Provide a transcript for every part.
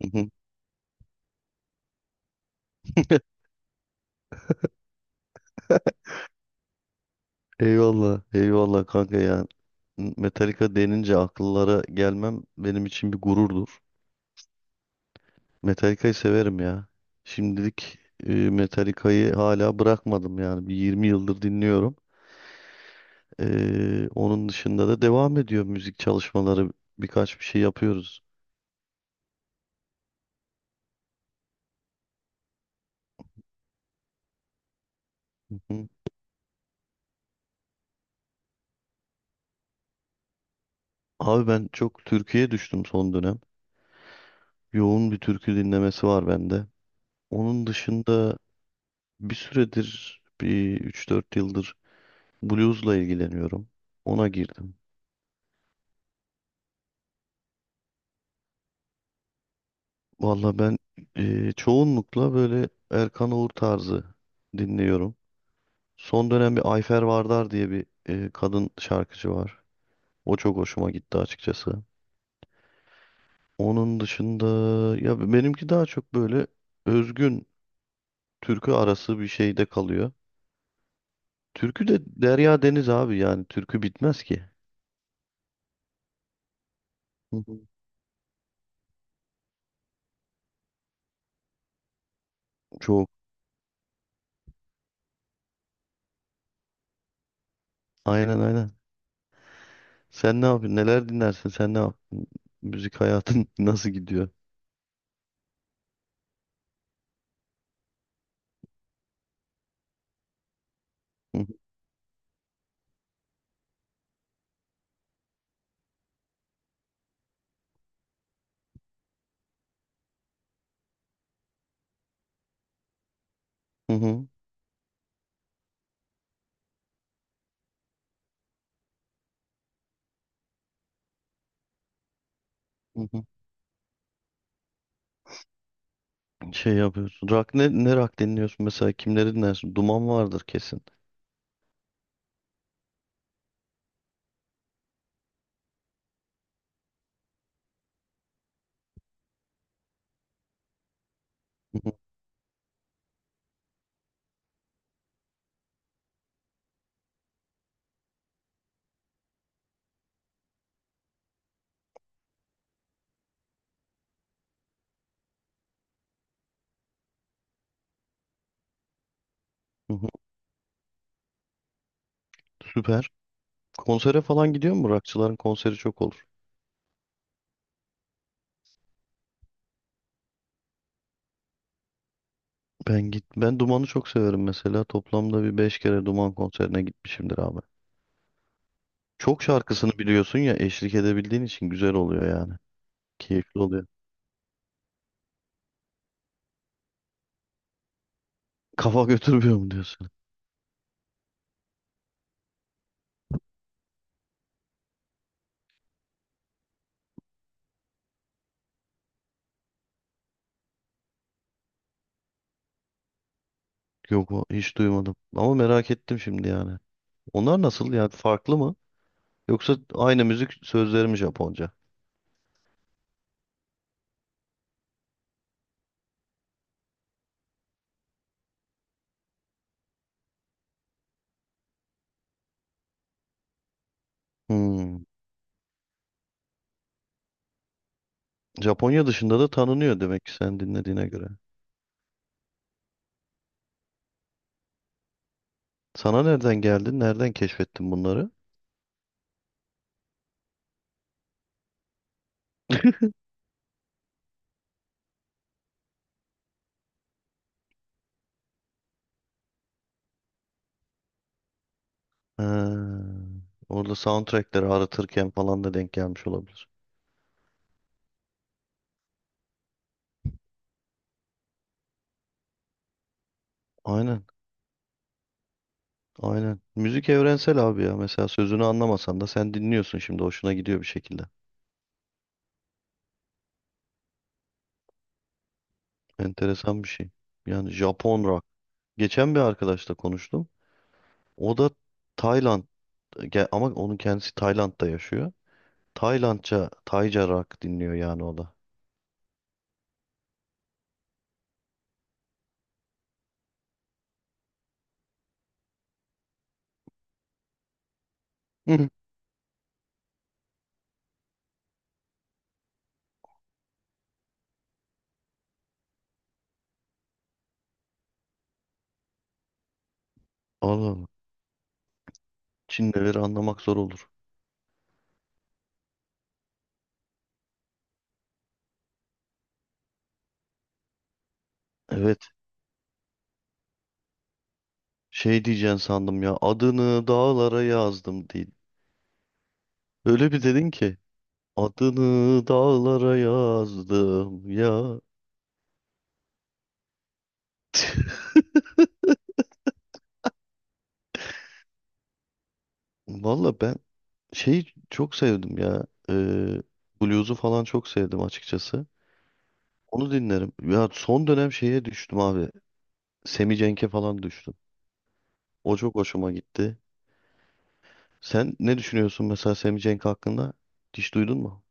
Eyvallah, eyvallah kanka ya. Metallica denince akıllara gelmem benim için bir gururdur. Metallica'yı severim ya. Şimdilik Metallica'yı hala bırakmadım yani. Bir 20 yıldır dinliyorum. Onun dışında da devam ediyor müzik çalışmaları. Birkaç bir şey yapıyoruz. Abi ben çok türküye düştüm son dönem. Yoğun bir türkü dinlemesi var bende. Onun dışında bir 3 4 yıldır bluesla ilgileniyorum. Ona girdim. Valla ben çoğunlukla böyle Erkan Oğur tarzı dinliyorum. Son dönem bir Ayfer Vardar diye bir kadın şarkıcı var. O çok hoşuma gitti açıkçası. Onun dışında ya benimki daha çok böyle özgün türkü arası bir şeyde kalıyor. Türkü de derya deniz abi yani türkü bitmez ki. Hı hı. Çok. Aynen aynen. Sen ne yapıyorsun? Neler dinlersin? Sen ne yapıyorsun? Müzik hayatın nasıl gidiyor? Hı hı. Hı hı. Hı hı. Şey yapıyorsun. Ne rock dinliyorsun mesela? Kimleri dinlersin? Duman vardır kesin. Hı hı. Hı hı. Süper. Konsere falan gidiyor mu? Rockçıların konseri çok olur. Ben Duman'ı çok severim mesela. Toplamda bir 5 kere Duman konserine gitmişimdir abi. Çok şarkısını biliyorsun ya eşlik edebildiğin için güzel oluyor yani. Keyifli oluyor. Kafa götürmüyor mu diyorsun? Yok hiç duymadım. Ama merak ettim şimdi yani. Onlar nasıl yani farklı mı? Yoksa aynı müzik sözleri mi Japonca? Hmm. Japonya dışında da tanınıyor demek ki sen dinlediğine göre. Sana nereden geldin? Nereden keşfettin bunları? Ha, orada soundtrackleri aratırken falan da denk gelmiş olabilir. Aynen, aynen. Müzik evrensel abi ya. Mesela sözünü anlamasan da sen dinliyorsun şimdi. Hoşuna gidiyor bir şekilde. Enteresan bir şey. Yani Japon rock. Geçen bir arkadaşla konuştum. O da Tayland ama onun kendisi Tayland'da yaşıyor. Taylandca, Tayca rock dinliyor yani o da. Hı. Allah Allah. Çinlileri anlamak zor olur. Evet. Şey diyeceksin sandım ya. Adını dağlara yazdım değil. Öyle bir dedin ki. Adını dağlara yazdım ya. Valla ben şeyi çok sevdim ya. Blues'u falan çok sevdim açıkçası. Onu dinlerim. Ya son dönem şeye düştüm abi. Semi Cenk'e falan düştüm. O çok hoşuma gitti. Sen ne düşünüyorsun mesela Semih Cenk hakkında? Hiç duydun mu?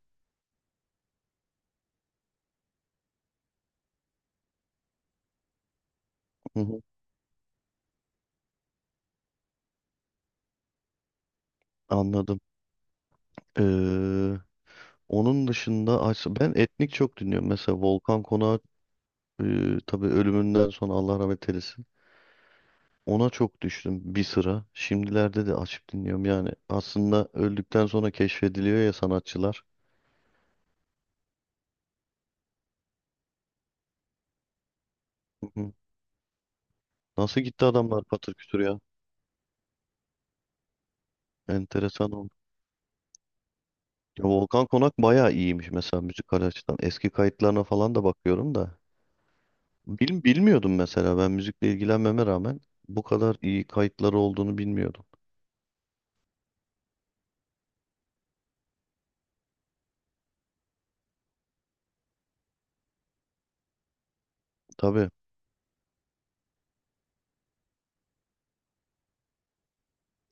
Hı hı, anladım. Ee, Onun dışında ben etnik çok dinliyorum. Mesela Volkan Konak tabii ölümünden sonra Allah rahmet eylesin. Ona çok düştüm bir sıra. Şimdilerde de açıp dinliyorum. Yani aslında öldükten sonra keşfediliyor ya sanatçılar. Hı hı. Nasıl gitti adamlar patır kütür ya? Enteresan oldu. Ya Volkan Konak bayağı iyiymiş mesela müzikal açıdan. Eski kayıtlarına falan da bakıyorum da. Bilmiyordum mesela ben müzikle ilgilenmeme rağmen bu kadar iyi kayıtları olduğunu bilmiyordum. Tabii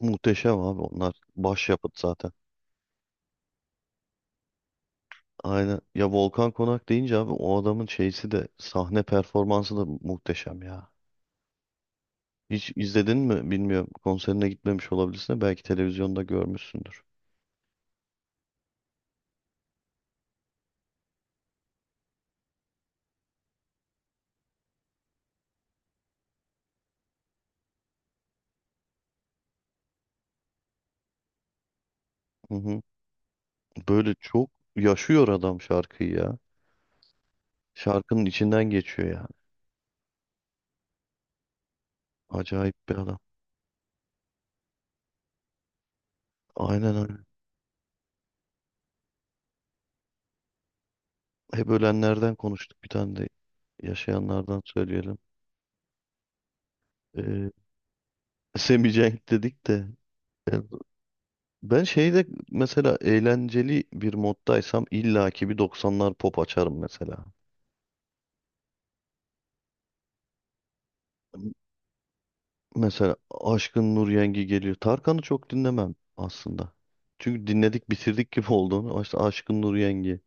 muhteşem abi onlar. Başyapıt zaten. Aynen. Ya Volkan Konak deyince abi o adamın şeysi de sahne performansı da muhteşem ya. Hiç izledin mi bilmiyorum. Konserine gitmemiş olabilirsin de belki televizyonda görmüşsündür. Hı hı. Böyle çok yaşıyor adam şarkıyı ya. Şarkının içinden geçiyor yani. Acayip bir adam. Aynen öyle. Hep ölenlerden konuştuk. Bir tane de yaşayanlardan söyleyelim. Ee, Semih Cenk dedik de ben Ben şeyde mesela eğlenceli bir moddaysam illaki bir 90'lar pop açarım mesela. Mesela Aşkın Nur Yengi geliyor. Tarkan'ı çok dinlemem aslında. Çünkü dinledik bitirdik gibi olduğunu. İşte Aşkın Nur Yengi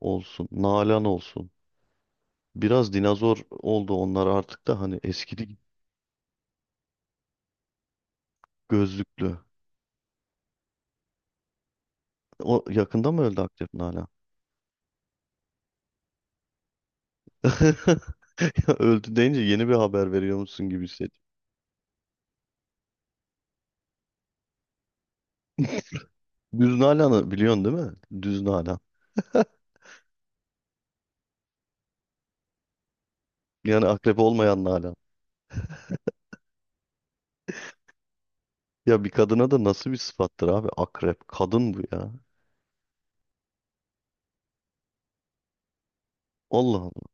olsun. Nalan olsun. Biraz dinozor oldu onlar artık da hani eskidi gözlüklü. O yakında mı öldü aktif Nalan? Ya öldü deyince yeni bir haber veriyor musun gibi hissediyorum. Düz Nalan'ı biliyorsun değil mi? Düz Nalan. Yani akrep olmayan Nalan. Ya bir kadına da nasıl bir sıfattır abi? Akrep. Kadın bu ya. Allah Allah.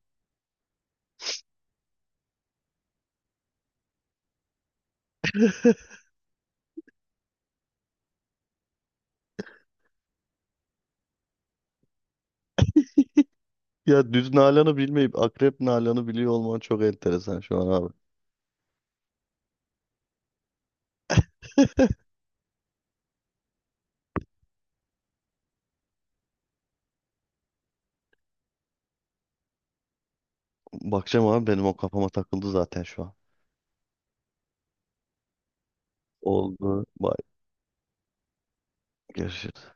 Ya düz Nalan'ı bilmeyip akrep Nalan'ı biliyor olman çok enteresan şu an abi. Bakacağım abi benim o kafama takıldı zaten şu an. Oldu. Bye. Görüşürüz.